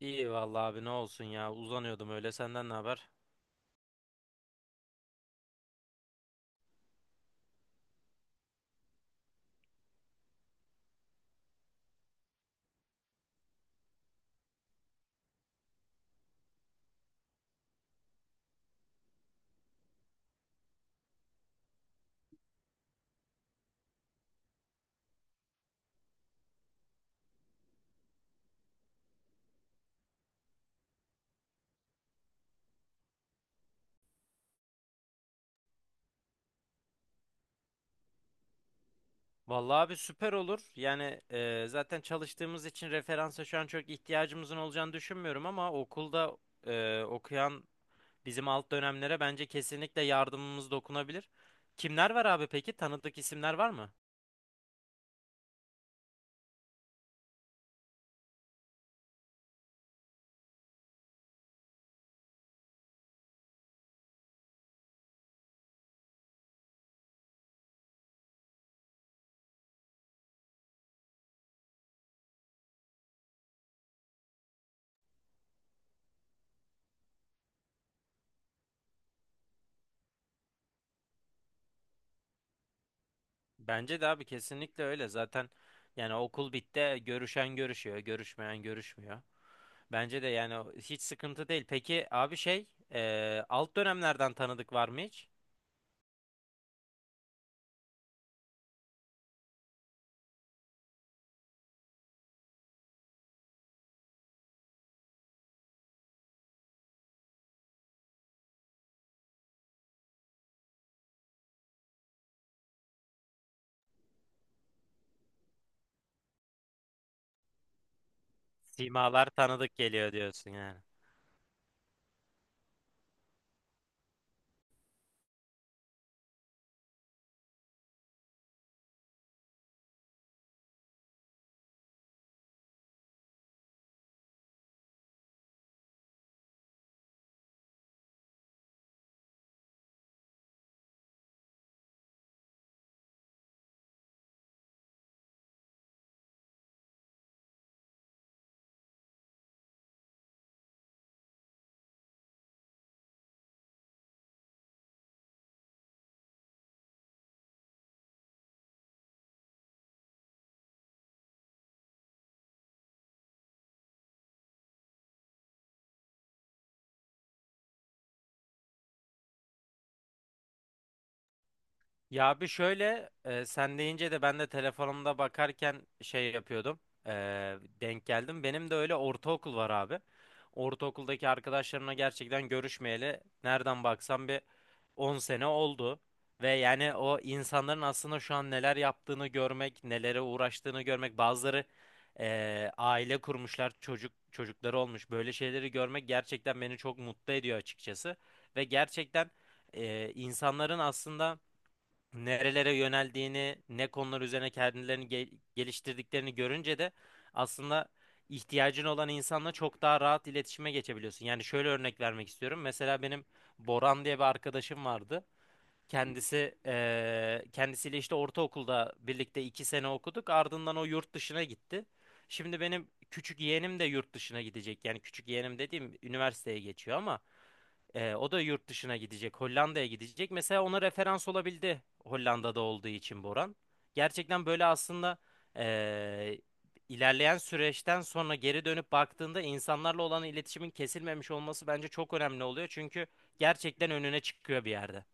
İyi vallahi abi ne olsun ya uzanıyordum öyle senden ne haber? Vallahi abi süper olur. Yani zaten çalıştığımız için referansa şu an çok ihtiyacımızın olacağını düşünmüyorum ama okulda okuyan bizim alt dönemlere bence kesinlikle yardımımız dokunabilir. Kimler var abi peki? Tanıdık isimler var mı? Bence de abi kesinlikle öyle. Zaten yani okul bitti görüşen görüşüyor, görüşmeyen görüşmüyor. Bence de yani hiç sıkıntı değil. Peki abi şey alt dönemlerden tanıdık var mı hiç? Simalar tanıdık geliyor diyorsun yani. Ya bir şöyle sen deyince de ben de telefonumda bakarken şey yapıyordum. E, denk geldim. Benim de öyle ortaokul var abi. Ortaokuldaki arkadaşlarımla gerçekten görüşmeyeli nereden baksam bir 10 sene oldu. Ve yani o insanların aslında şu an neler yaptığını görmek, nelere uğraştığını görmek, bazıları aile kurmuşlar, çocuk çocukları olmuş. Böyle şeyleri görmek gerçekten beni çok mutlu ediyor açıkçası. Ve gerçekten insanların aslında nerelere yöneldiğini, ne konular üzerine kendilerini geliştirdiklerini görünce de aslında ihtiyacın olan insanla çok daha rahat iletişime geçebiliyorsun. Yani şöyle örnek vermek istiyorum. Mesela benim Boran diye bir arkadaşım vardı. Kendisi kendisiyle işte ortaokulda birlikte iki sene okuduk. Ardından o yurt dışına gitti. Şimdi benim küçük yeğenim de yurt dışına gidecek. Yani küçük yeğenim dediğim üniversiteye geçiyor ama o da yurt dışına gidecek. Hollanda'ya gidecek. Mesela ona referans olabildi Hollanda'da olduğu için Boran. Gerçekten böyle aslında eee, ilerleyen süreçten sonra geri dönüp baktığında insanlarla olan iletişimin kesilmemiş olması bence çok önemli oluyor. Çünkü gerçekten önüne çıkıyor bir yerde.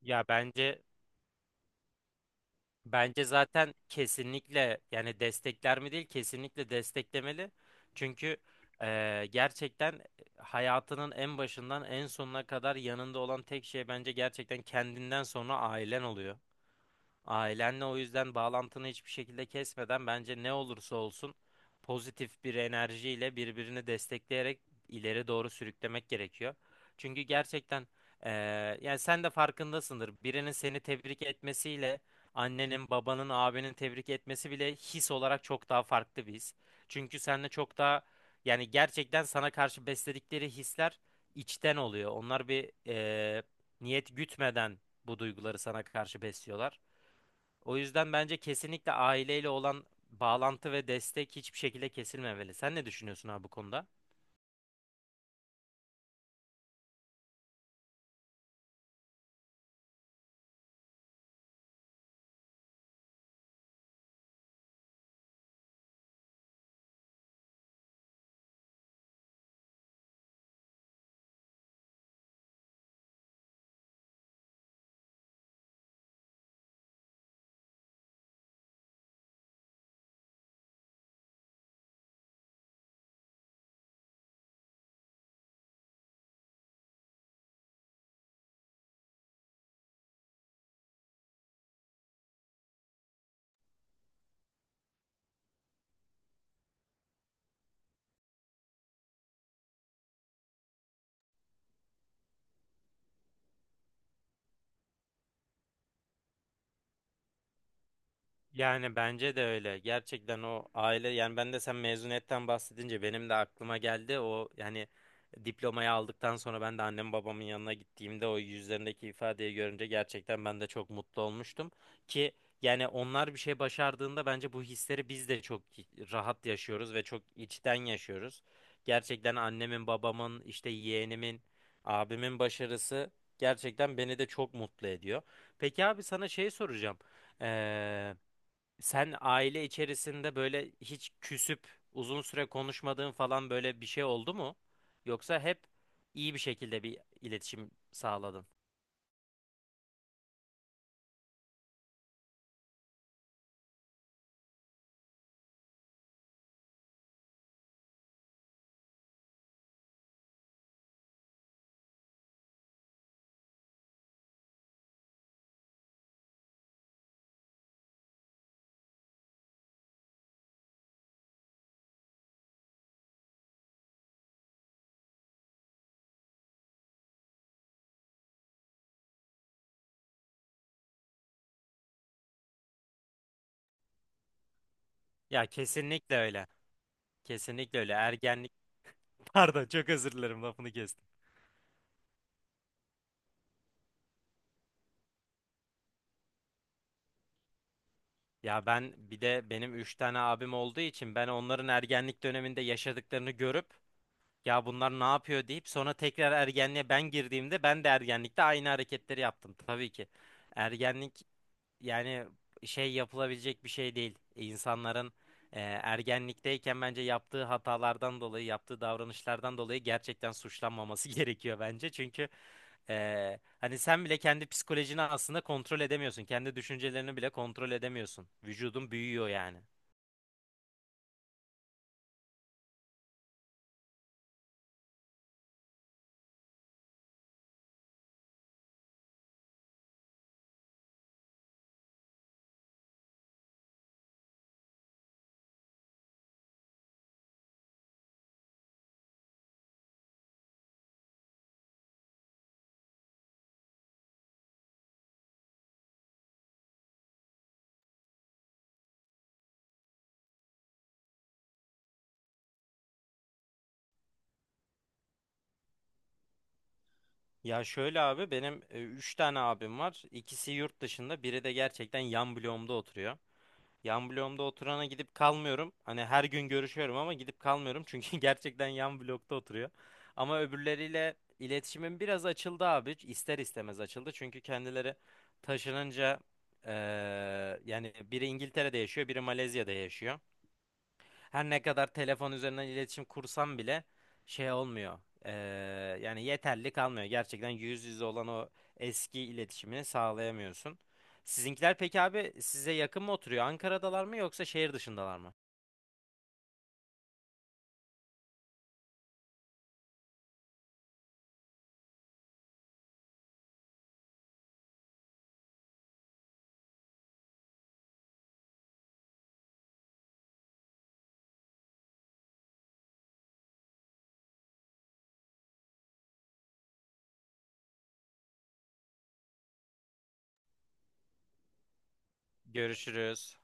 Ya bence, zaten kesinlikle yani destekler mi değil, kesinlikle desteklemeli. Çünkü gerçekten hayatının en başından en sonuna kadar yanında olan tek şey bence gerçekten kendinden sonra ailen oluyor. Ailenle o yüzden bağlantını hiçbir şekilde kesmeden bence ne olursa olsun pozitif bir enerjiyle birbirini destekleyerek ileri doğru sürüklemek gerekiyor. Çünkü gerçekten eee, yani sen de farkındasındır. Birinin seni tebrik etmesiyle annenin, babanın, abinin tebrik etmesi bile his olarak çok daha farklı bir his. Çünkü seninle çok daha yani gerçekten sana karşı besledikleri hisler içten oluyor. Onlar bir niyet gütmeden bu duyguları sana karşı besliyorlar. O yüzden bence kesinlikle aileyle olan bağlantı ve destek hiçbir şekilde kesilmemeli. Sen ne düşünüyorsun abi bu konuda? Yani bence de öyle. Gerçekten o aile yani ben de sen mezuniyetten bahsedince benim de aklıma geldi. O yani diplomayı aldıktan sonra ben de annem babamın yanına gittiğimde o yüzlerindeki ifadeyi görünce gerçekten ben de çok mutlu olmuştum. Ki yani onlar bir şey başardığında bence bu hisleri biz de çok rahat yaşıyoruz ve çok içten yaşıyoruz. Gerçekten annemin, babamın, işte yeğenimin, abimin başarısı gerçekten beni de çok mutlu ediyor. Peki abi sana şey soracağım. Ee, sen aile içerisinde böyle hiç küsüp uzun süre konuşmadığın falan böyle bir şey oldu mu? Yoksa hep iyi bir şekilde bir iletişim sağladın? Ya kesinlikle öyle. Kesinlikle öyle. Ergenlik. Pardon, çok özür dilerim lafını kestim. Ya ben bir de benim üç tane abim olduğu için ben onların ergenlik döneminde yaşadıklarını görüp ya bunlar ne yapıyor deyip sonra tekrar ergenliğe ben girdiğimde ben de ergenlikte aynı hareketleri yaptım tabii ki. Ergenlik yani şey yapılabilecek bir şey değil. İnsanların ergenlikteyken bence yaptığı hatalardan dolayı, yaptığı davranışlardan dolayı gerçekten suçlanmaması gerekiyor bence. Çünkü hani sen bile kendi psikolojini aslında kontrol edemiyorsun. Kendi düşüncelerini bile kontrol edemiyorsun. Vücudun büyüyor yani. Ya şöyle abi benim 3 tane abim var. İkisi yurt dışında, biri de gerçekten yan bloğumda oturuyor. Yan bloğumda oturana gidip kalmıyorum. Hani her gün görüşüyorum ama gidip kalmıyorum. Çünkü gerçekten yan blokta oturuyor. Ama öbürleriyle iletişimim biraz açıldı abi. İster istemez açıldı. Çünkü kendileri taşınınca eee, yani biri İngiltere'de yaşıyor, biri Malezya'da yaşıyor. Her ne kadar telefon üzerinden iletişim kursam bile şey olmuyor. Ee, yani yeterli kalmıyor. Gerçekten yüz yüze olan o eski iletişimi sağlayamıyorsun. Sizinkiler peki abi size yakın mı oturuyor? Ankara'dalar mı yoksa şehir dışındalar mı? Görüşürüz.